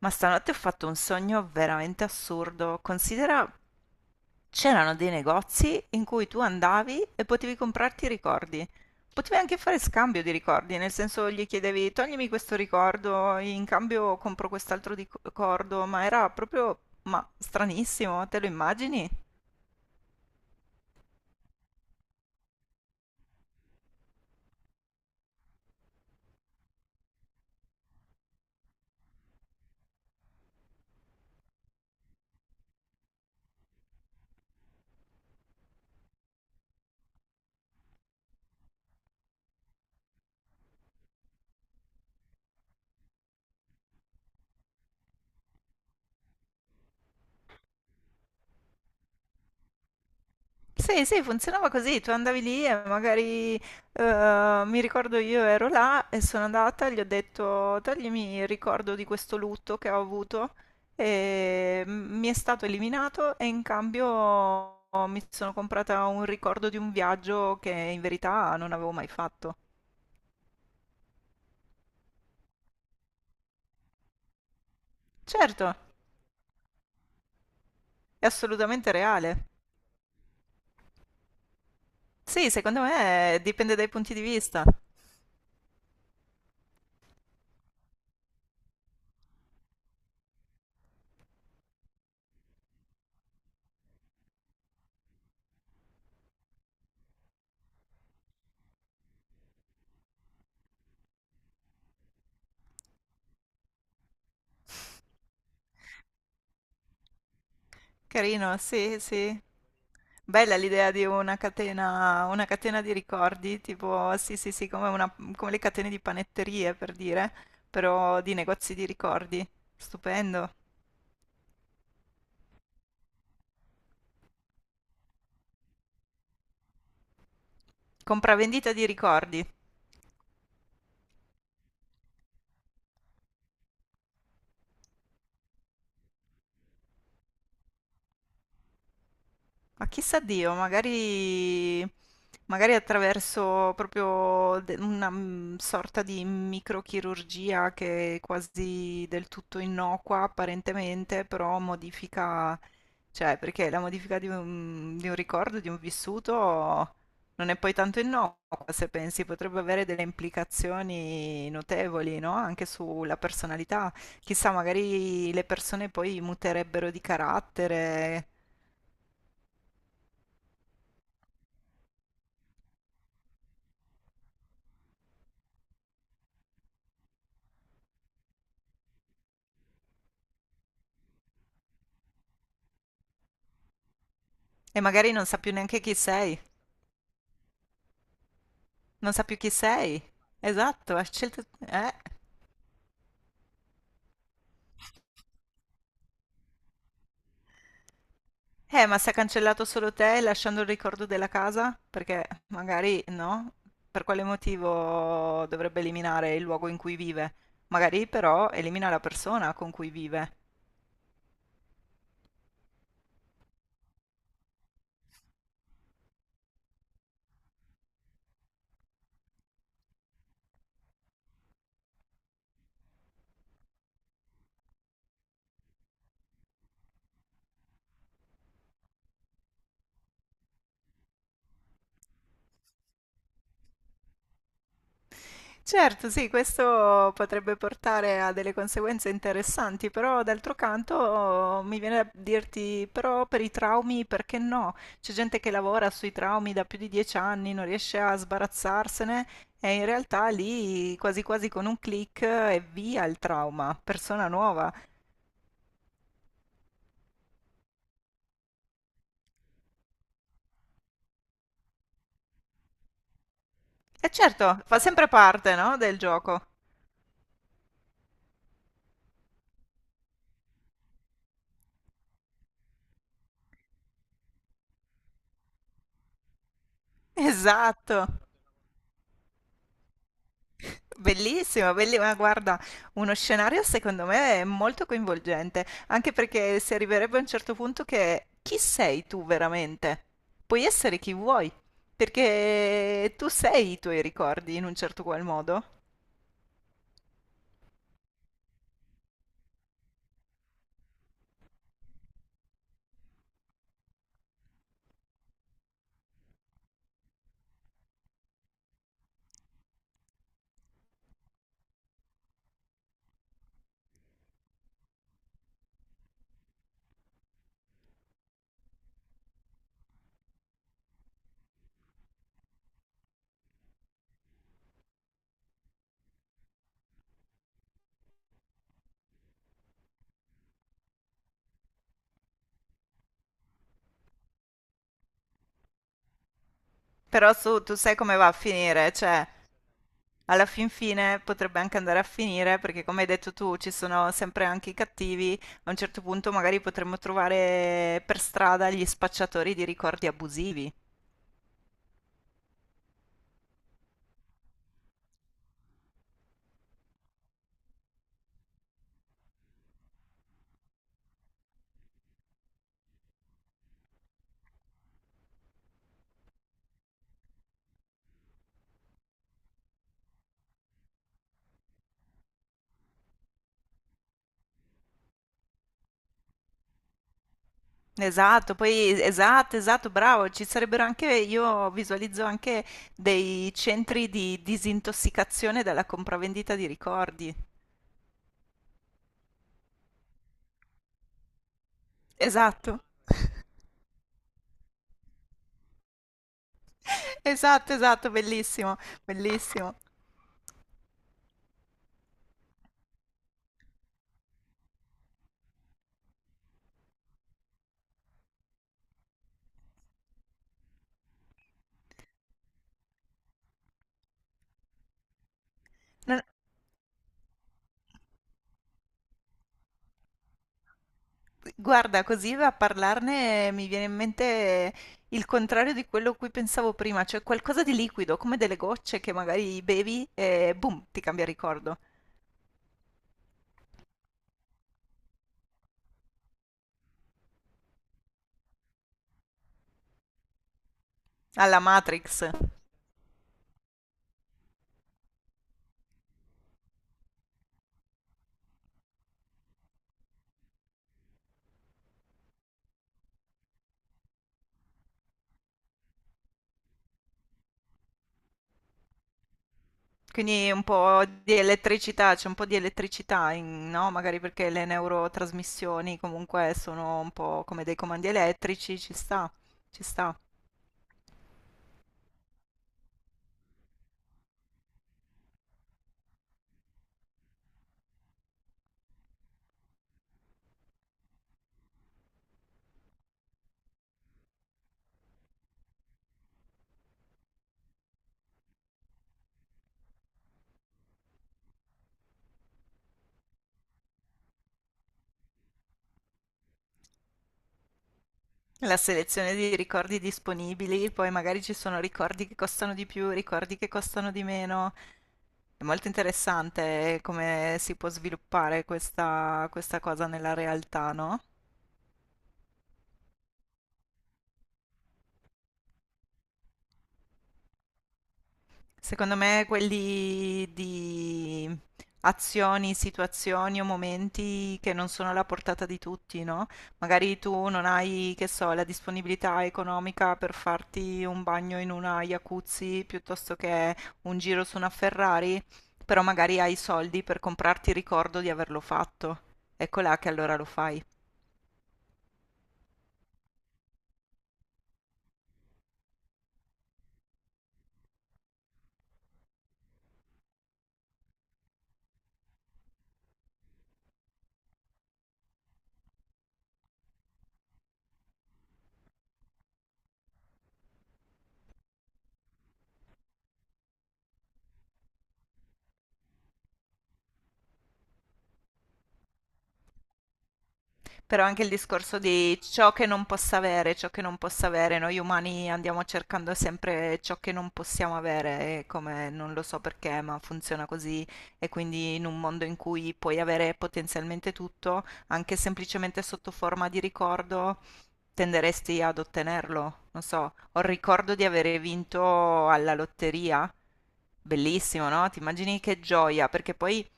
Ma stanotte ho fatto un sogno veramente assurdo. Considera, c'erano dei negozi in cui tu andavi e potevi comprarti i ricordi. Potevi anche fare scambio di ricordi, nel senso gli chiedevi toglimi questo ricordo, in cambio compro quest'altro ricordo, ma era proprio, ma stranissimo, te lo immagini? Sì, sì, funzionava così, tu andavi lì e magari, mi ricordo io ero là e sono andata, gli ho detto toglimi il ricordo di questo lutto che ho avuto e mi è stato eliminato e in cambio mi sono comprata un ricordo di un viaggio che in verità non avevo mai fatto. Certo, è assolutamente reale. Sì, secondo me dipende dai punti di vista. Carino, sì, sì. Bella l'idea di una catena di ricordi, tipo, sì, sì, sì, come, una- come le catene di panetterie, per dire, però di negozi di ricordi. Stupendo. Compravendita di ricordi. Ma chissà Dio, magari, magari attraverso proprio una sorta di microchirurgia che è quasi del tutto innocua apparentemente, però modifica, cioè perché la modifica di un ricordo, di un vissuto, non è poi tanto innocua se pensi, potrebbe avere delle implicazioni notevoli, no? Anche sulla personalità. Chissà, magari le persone poi muterebbero di carattere. E magari non sa più neanche chi sei. Non sa più chi sei. Esatto, ha scelto... Eh. Ma se ha cancellato solo te lasciando il ricordo della casa? Perché magari no. Per quale motivo dovrebbe eliminare il luogo in cui vive? Magari però elimina la persona con cui vive. Certo, sì, questo potrebbe portare a delle conseguenze interessanti, però d'altro canto mi viene da dirti, però per i traumi perché no? C'è gente che lavora sui traumi da più di 10 anni, non riesce a sbarazzarsene e in realtà lì quasi quasi con un click e via il trauma, persona nuova. E certo, fa sempre parte, no, del gioco. Esatto. Bellissimo, bellissimo. Ma Guarda, uno scenario secondo me è molto coinvolgente, anche perché si arriverebbe a un certo punto che chi sei tu veramente? Puoi essere chi vuoi, perché tu sei i tuoi ricordi in un certo qual modo. Però tu sai come va a finire, cioè alla fin fine potrebbe anche andare a finire, perché come hai detto tu, ci sono sempre anche i cattivi. A un certo punto magari potremmo trovare per strada gli spacciatori di ricordi abusivi. Esatto, poi esatto, esatto, bravo, ci sarebbero anche, io visualizzo anche dei centri di disintossicazione dalla compravendita di ricordi. Esatto, esatto, esatto, bellissimo, bellissimo. Non- Guarda, così a parlarne mi viene in mente il contrario di quello a cui pensavo prima, cioè qualcosa di liquido, come delle gocce che magari bevi e boom, ti cambia ricordo. Alla Matrix. Quindi un po' di elettricità, c'è un po' di elettricità, no? Magari perché le neurotrasmissioni comunque sono un po' come dei comandi elettrici, ci sta, ci sta. La selezione di ricordi disponibili, poi magari ci sono ricordi che costano di più, ricordi che costano di meno. È molto interessante come si può sviluppare questa cosa nella realtà, no? Secondo me quelli di azioni, situazioni o momenti che non sono alla portata di tutti, no? Magari tu non hai, che so, la disponibilità economica per farti un bagno in una jacuzzi piuttosto che un giro su una Ferrari, però magari hai i soldi per comprarti il ricordo di averlo fatto. Ecco là che allora lo fai. Però anche il discorso di ciò che non possa avere, ciò che non possa avere, noi umani andiamo cercando sempre ciò che non possiamo avere, e come non lo so perché, ma funziona così. E quindi in un mondo in cui puoi avere potenzialmente tutto, anche semplicemente sotto forma di ricordo, tenderesti ad ottenerlo. Non so, ho il ricordo di aver vinto alla lotteria. Bellissimo, no? Ti immagini che gioia, perché poi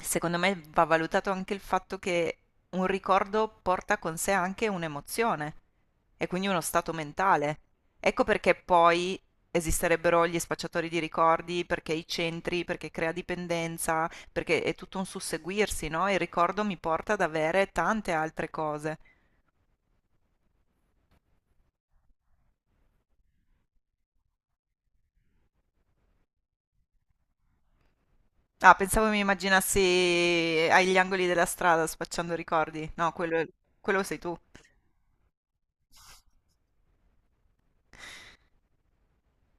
secondo me va valutato anche il fatto che un ricordo porta con sé anche un'emozione e quindi uno stato mentale. Ecco perché poi esisterebbero gli spacciatori di ricordi, perché i centri, perché crea dipendenza, perché è tutto un susseguirsi, no? Il ricordo mi porta ad avere tante altre cose. Ah, pensavo mi immaginassi agli angoli della strada spacciando ricordi. No, quello sei tu.